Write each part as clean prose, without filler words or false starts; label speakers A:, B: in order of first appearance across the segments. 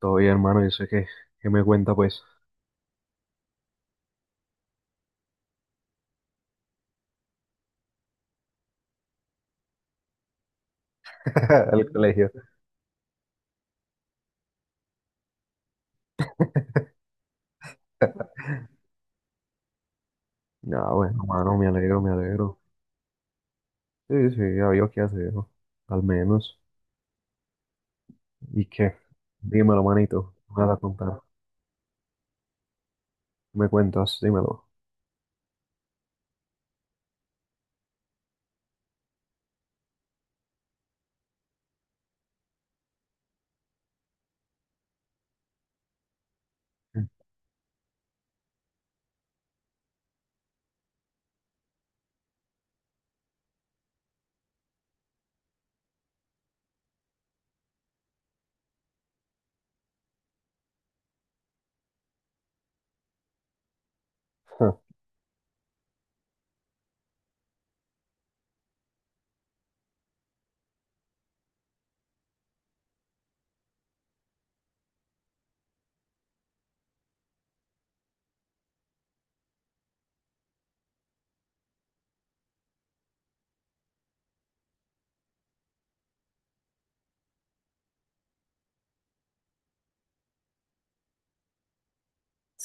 A: Todo bien, hermano. Yo sé que me cuenta, pues. Al colegio. Ah, bueno, hermano, me alegro, me alegro. Sí, sí, había qué hacer, ¿no? Al menos. ¿Y qué? Dímelo, manito, me vas a contar. ¿Me cuentas? Dímelo.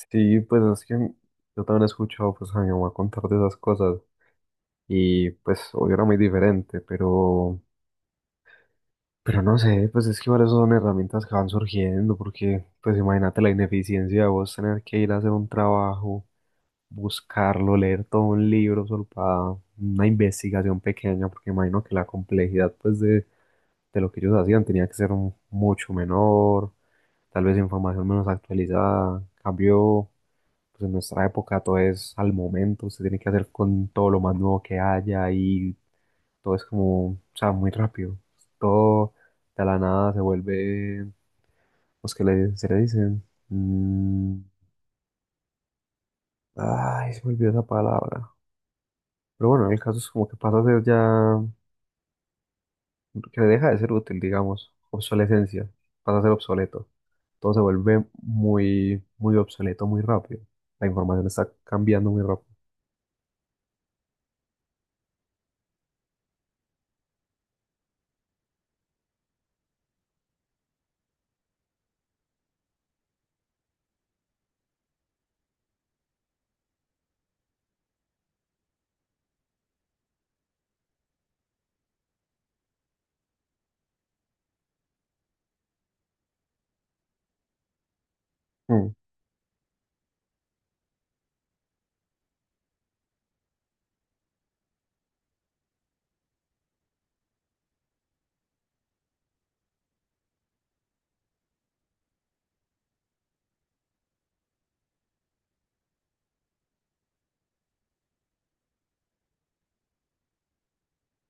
A: Sí, pues es que yo también he escuchado, pues, a mi mamá contar de esas cosas, y pues hoy era muy diferente, pero no sé, pues es que igual esas son herramientas que van surgiendo, porque pues imagínate la ineficiencia de vos tener que ir a hacer un trabajo, buscarlo, leer todo un libro solo para una investigación pequeña, porque imagino que la complejidad pues de lo que ellos hacían tenía que ser mucho menor, tal vez información menos actualizada. En cambio, pues en nuestra época todo es al momento, se tiene que hacer con todo lo más nuevo que haya, y todo es como, o sea, muy rápido. Todo de la nada se vuelve, pues que le, se le dicen. Mm, ay, se me olvidó esa palabra. Pero bueno, el caso es como que pasa a ser ya, que deja de ser útil, digamos, obsolescencia, pasa a ser obsoleto. Todo se vuelve muy, muy obsoleto muy rápido. La información está cambiando muy rápido. Mm,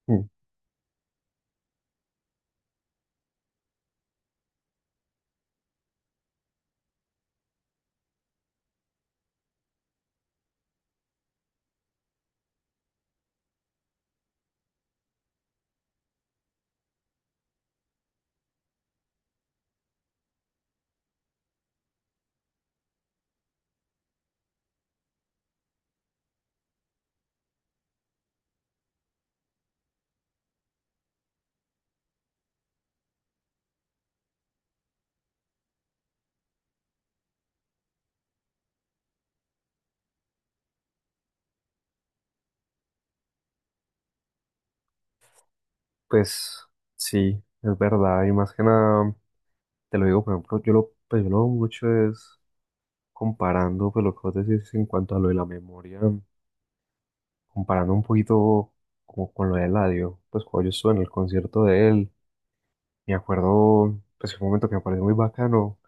A: mm. Pues sí, es verdad. Y más que nada, te lo digo, por ejemplo, yo lo, pues yo lo hago mucho es comparando, pues lo que vos decís en cuanto a lo de la memoria, comparando un poquito como con lo de Eladio. Pues cuando yo estuve en el concierto de él, me acuerdo, pues, un momento que me pareció muy bacano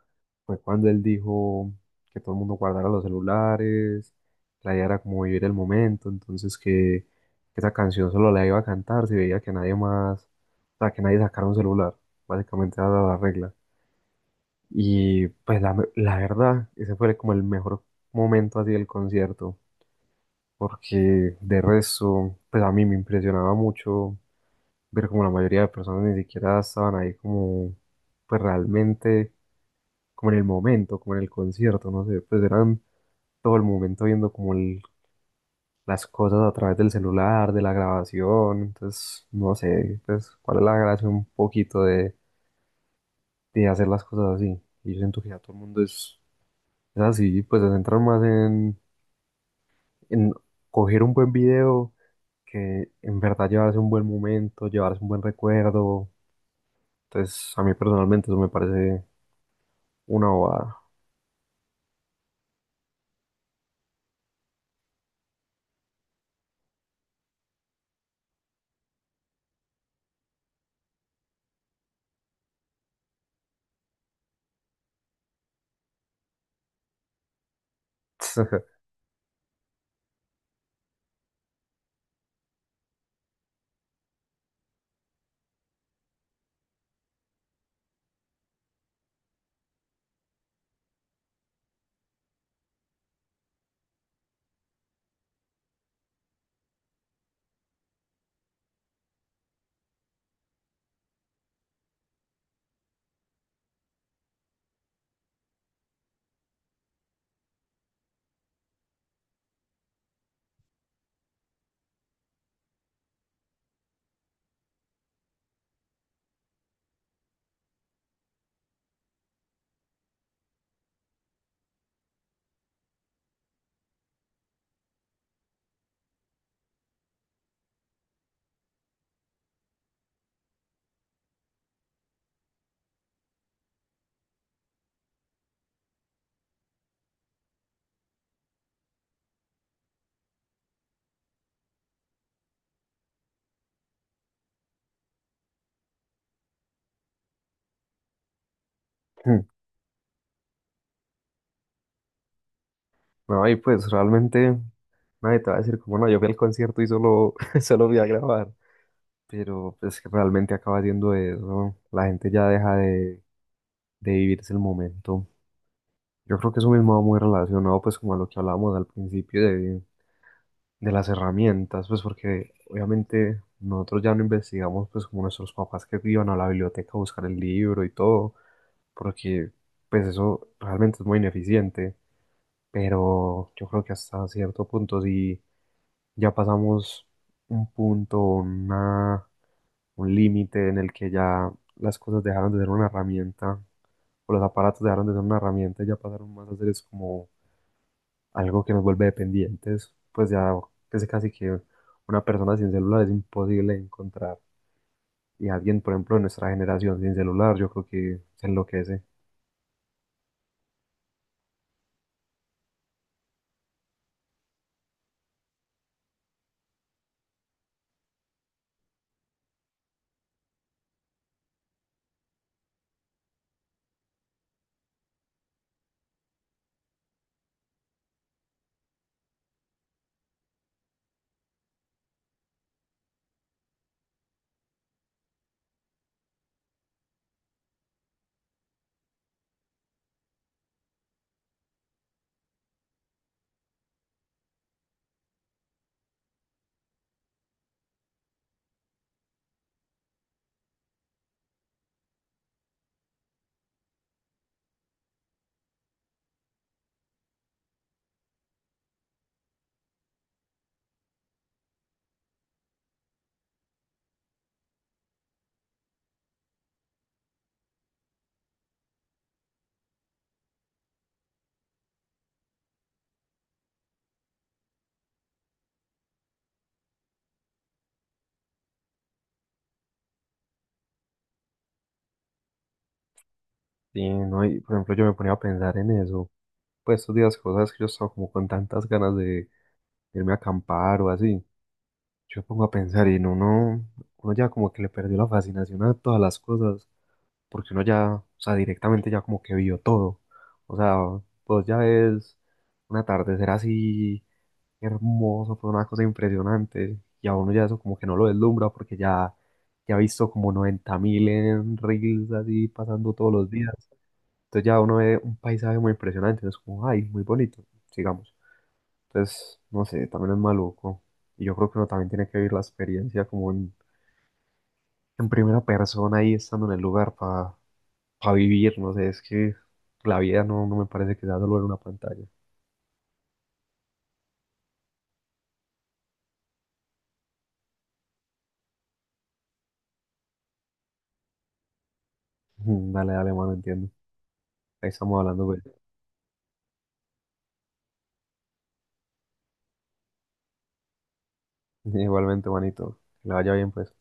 A: fue cuando él dijo que todo el mundo guardara los celulares, la idea era como vivir el momento, entonces que esa canción solo la iba a cantar si veía que nadie más, o sea, que nadie sacara un celular, básicamente era la regla. Y pues la verdad, ese fue como el mejor momento así del concierto, porque de resto, pues a mí me impresionaba mucho ver como la mayoría de personas ni siquiera estaban ahí como, pues realmente como en el momento, como en el concierto, no sé, pues eran todo el momento viendo como las cosas a través del celular, de la grabación, entonces no sé, pues cuál es la gracia un poquito de hacer las cosas así. Y yo siento que ya todo el mundo es así, pues se centran más en coger un buen video, que en verdad llevarse un buen momento, llevarse un buen recuerdo. Entonces a mí personalmente eso me parece una bobada. No, y pues realmente nadie te va a decir como no, yo fui al concierto y solo, solo fui a grabar. Pero pues que realmente acaba siendo eso. La gente ya deja de vivirse el momento. Yo creo que eso mismo va muy relacionado pues como a lo que hablábamos al principio de las herramientas, pues porque obviamente nosotros ya no investigamos pues como nuestros papás, que iban a la biblioteca a buscar el libro y todo, porque pues eso realmente es muy ineficiente. Pero yo creo que hasta cierto punto sí ya pasamos un punto, una, un límite en el que ya las cosas dejaron de ser una herramienta, o los aparatos dejaron de ser una herramienta, y ya pasaron más a ser es como algo que nos vuelve dependientes. Pues ya es casi que una persona sin celular es imposible encontrar. Y alguien, por ejemplo, de nuestra generación sin celular, yo creo que se enloquece. Sí, ¿no? Y, por ejemplo, yo me ponía a pensar en eso. Pues estos días, cosas que yo estaba como con tantas ganas de irme a acampar o así. Yo me pongo a pensar y no, uno ya como que le perdió la fascinación a todas las cosas, porque uno ya, o sea, directamente ya como que vio todo. O sea, pues ya ves un atardecer así hermoso, fue una cosa impresionante, y a uno ya eso como que no lo deslumbra porque ya, ya ha visto como 90 mil en reels así pasando todos los días. Entonces ya uno ve un paisaje muy impresionante, es como, ay, muy bonito, sigamos. Entonces, no sé, también es maluco. Y yo creo que uno también tiene que vivir la experiencia como en primera persona ahí estando en el lugar para vivir, no sé, es que la vida no, no me parece que sea solo en una pantalla. Dale, dale, mano, entiendo. Ahí estamos hablando, pues. Igualmente, manito. Que le vaya bien, pues.